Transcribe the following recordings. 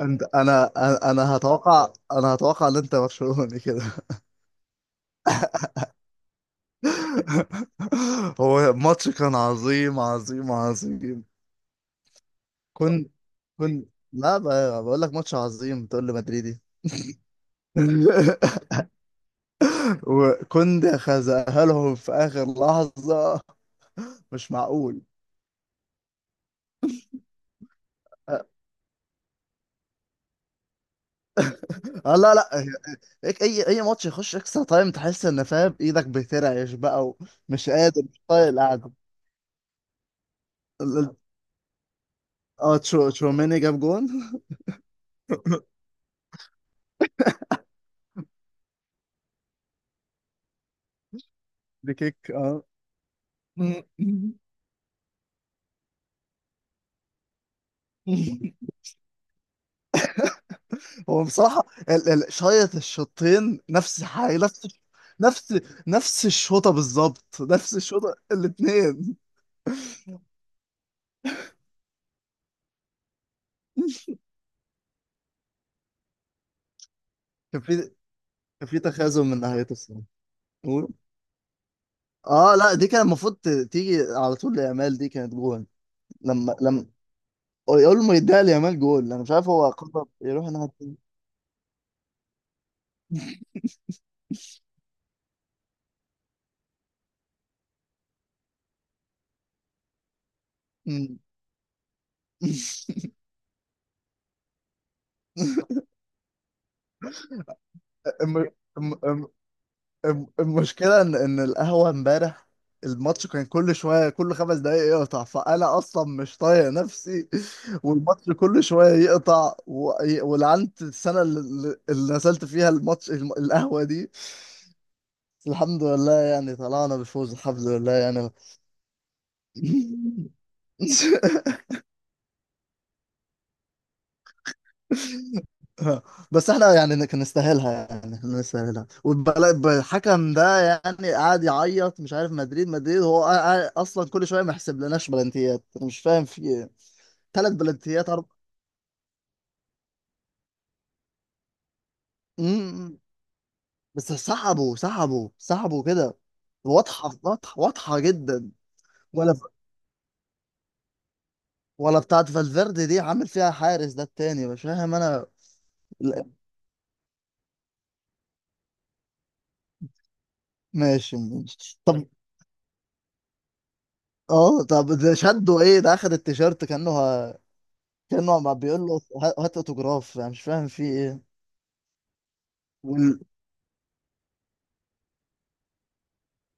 انت انا انا أنا هتوقع، انا هتوقع ان انت برشلوني كده. هو الماتش كان عظيم عظيم عظيم. كنت كنت لا، بقول لك ماتش عظيم تقول لي مدريدي؟ وكنت خزقها لهم في اخر لحظة. مش معقول! اه، لا لا، هيك اي ماتش يخش اكسترا تايم تحس ان فاهم ايدك بترعش بقى، ومش قادر، مش طايق القعده. ال- ال- اه تشوميني جاب جون. دي كيك، اه. مم. هو بصراحة شايط الشوطين. نفس حاجة، نفس نفس الشوطة بالظبط، نفس الشوطة الاتنين. كان في كان في تخاذل من ناحيته الصراحة. قول. اه لا، دي كان المفروض تيجي على طول ليامال، دي كانت جول. لما يقول ما يديها ليامال جول، انا مش عارف هو قرر يروح الناحية التانية. أمم. الم- الم- المشكلة إن القهوة إمبارح، الماتش كان كل شوية، كل خمس دقايق يقطع، فأنا أصلا مش طايق نفسي. والماتش كل شوية يقطع ولعنت السنة اللي نزلت فيها الماتش، القهوة دي. بس الحمد لله يعني، طلعنا بفوز الحمد لله يعني. اه. بس احنا يعني كان نستاهلها، يعني كان نستاهلها. والحكم ده يعني قاعد يعيط مش عارف، مدريد هو اصلا كل شويه ما يحسب لناش بلانتيات. أنا مش فاهم في ايه. ثلاث بلانتيات، أرب... مم. بس سحبوا سحبوا سحبوا كده. واضحه واضحه واضحه جدا. ولا ولا بتاعت فالفيردي دي، عامل فيها حارس ده التاني مش فاهم انا. لا، ماشي ماشي. طب، اه طب ده شدوا ايه؟ ده اخد التيشيرت كانه ما بيقول له، هات اوتوجراف. انا مش فاهم في ايه. وال...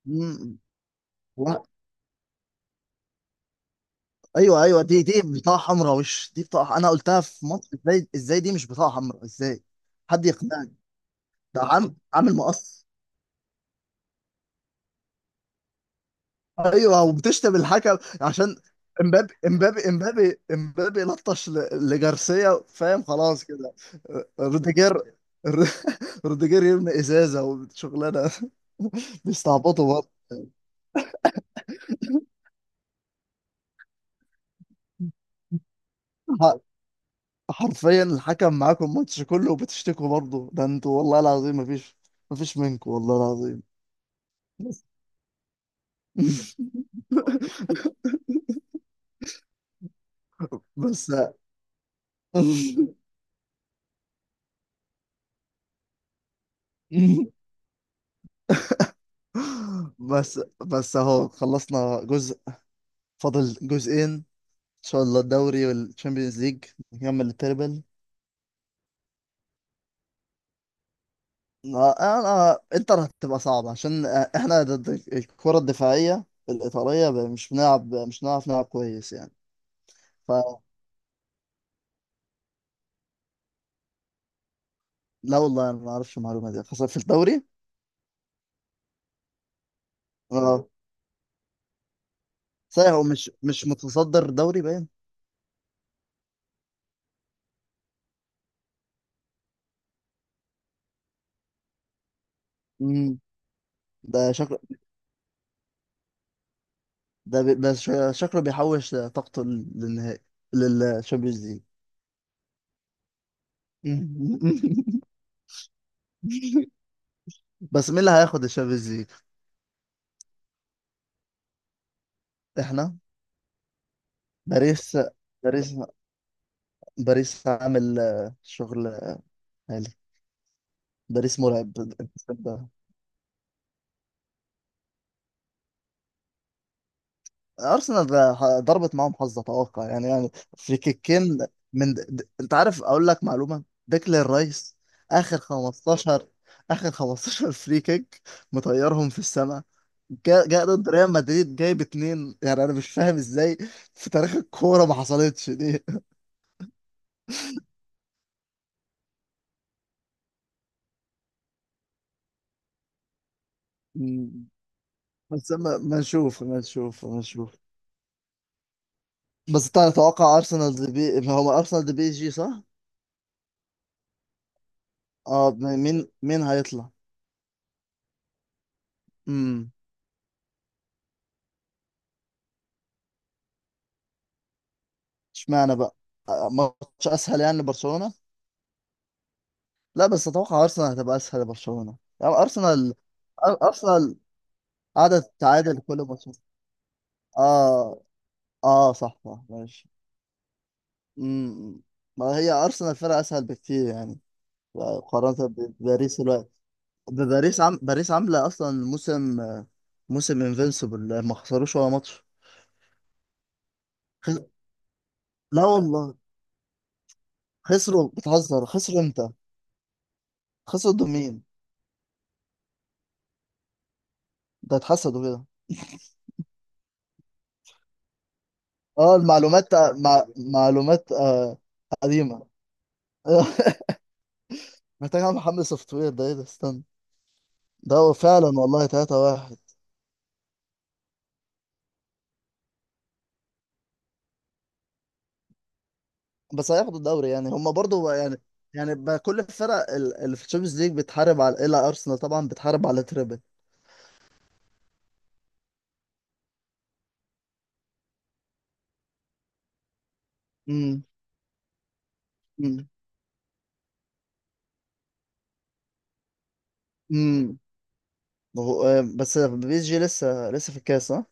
مم. و... ايوه ايوه، دي بطاقه حمراء! مش دي بطاقه، انا قلتها في مصر. ازاي دي مش بطاقه حمراء؟ ازاي؟ حد يقنعني. ده عم عامل مقص. ايوه، وبتشتم الحكم عشان امبابي لطش لجارسيا فاهم، خلاص كده. روديجير. روديجير يرمي ازازه وشغلانه. بيستعبطوا. برضه حرفيا الحكم معاكم الماتش كله وبتشتكوا برضه. ده انتوا والله العظيم، مفيش منكم والله العظيم. بس بس بس بس اهو خلصنا جزء. فاضل جزئين، ان شاء الله الدوري والتشامبيونز ليج، نكمل التربل. انا انتر هتبقى صعبة، عشان احنا ضد الكرة الدفاعية الإيطالية. مش بنلعب، مش بنعرف نلعب كويس يعني. فلا والله انا ما اعرفش المعلومة دي، خاصة في الدوري. آه، صحيح، هو مش متصدر دوري باين. امم. ده شكله، ده بي... بس شا- شكله بيحوش طاقته للنهائي، للشامبيونز ليج. بس مين اللي هياخد الشامبيونز ليج؟ احنا. باريس، باريس، باريس عامل شغل عالي. باريس مرعب. ارسنال ضربت معاهم حظ اتوقع، يعني يعني في كيكين. انت عارف اقول لك معلومه؟ ديكلان رايس، اخر 15، فري كيك مطيرهم في السماء. جاء جا جا ضد ريال مدريد جايب اتنين، يعني انا مش فاهم ازاي. في تاريخ الكوره ما حصلتش دي. مم. بس ما نشوف، ما نشوف، ما نشوف. بس انت تتوقع ارسنال دي هو ارسنال دي بي جي صح؟ اه. مين هيطلع؟ اشمعنى بقى؟ ماتش اسهل يعني لبرشلونه. لا بس اتوقع ارسنال هتبقى اسهل لبرشلونه، يعني ارسنال، ارسنال قاعده تتعادل كل ماتش. اه، اه صح صح، ماشي. امم. ما هي ارسنال فرقه اسهل بكتير يعني، مقارنه بباريس الوقت. باريس عامله اصلا موسم، انفنسبل، ما خسروش ولا ماتش. خس... لا والله. خسروا؟ بتهزر! خسروا امتى؟ خسروا ضد مين؟ ده اتحسدوا كده. اه، المعلومات، معلومات قديمة. محتاج اعمل محمل سوفت وير، ده ايه ده، استنى. ده هو فعلا والله 3 واحد! بس هياخدوا الدوري يعني، هم برضو يعني. يعني بقى كل الفرق اللي في الشامبيونز ليج بتحارب على الا، ارسنال طبعا بتحارب على تريبل. امم. امم. امم. بس PSG لسه في الكاس ها؟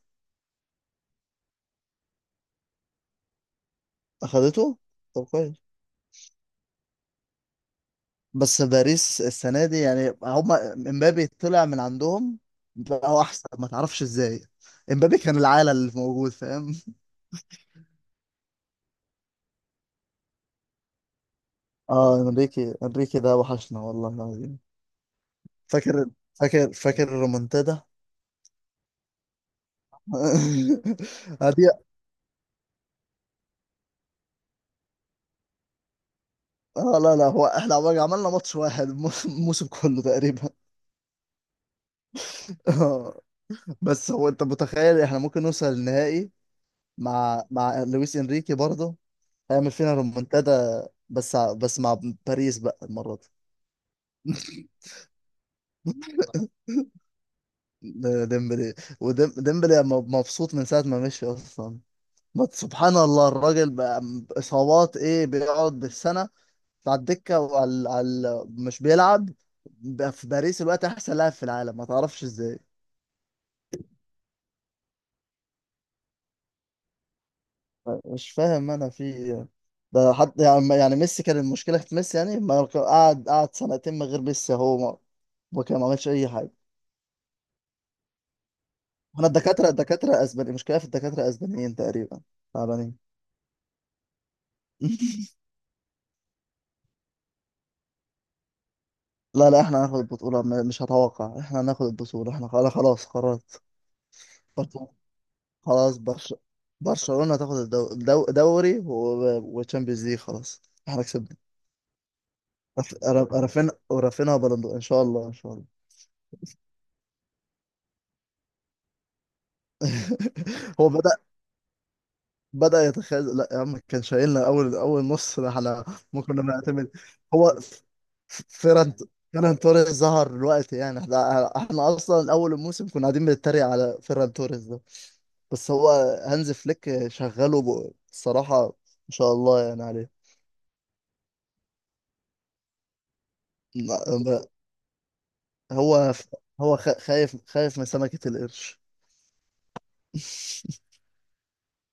اخدته. طب كويس. بس باريس السنة دي، يعني هما امبابي طلع من عندهم، بقى هو أحسن، ما تعرفش إزاي. امبابي كان العالة اللي موجود فاهم. اه، انريكي ده وحشنا والله العظيم. فاكر فاكر الرومنتادا! هدي. اه لا لا، هو احنا عملنا ماتش واحد الموسم كله تقريبا. آه، بس هو انت متخيل احنا ممكن نوصل النهائي، مع لويس انريكي برضه؟ هيعمل فينا رومنتادا، بس مع باريس بقى المرة دي. ده ديمبلي، وديمبلي مبسوط من ساعة ما مشي أصلا. ما سبحان الله الراجل بقى، إصابات إيه، بيقعد بالسنة على الدكة، على مش بيلعب، بقى في باريس الوقت أحسن لاعب في العالم ما تعرفش إزاي. مش فاهم أنا في إيه. ده حد؟ يعني ميسي كان المشكلة في ميسي؟ يعني ما قعد، قعد سنتين من غير ميسي، هو ما وكان ما عملش أي حاجة. احنا الدكاترة، أسباني مشكلة في الدكاترة أسبانيين تقريبا، تعبانين. لا لا، احنا هناخد البطولة. مش هتوقع، احنا هناخد البطولة، احنا خلاص، قررت. برشلونة- خلاص برش... برشلونة تاخد دوري وتشامبيونز ليج. خلاص احنا كسبنا. رافين ورافينها بلندو، ان شاء الله. هو بدأ، يتخاذل. لا يا عم كان شايلنا، اول نص، ده احنا ممكن نعتمد. هو ف- فيران فيران توريس ظهر دلوقتي، يعني احنا اصلا اول الموسم كنا قاعدين بنتريق على فيران توريس. بس هو هانز فليك شغله بصراحة ما شاء الله يعني عليه. م- ب- هو هو خايف خايف من سمكة القرش.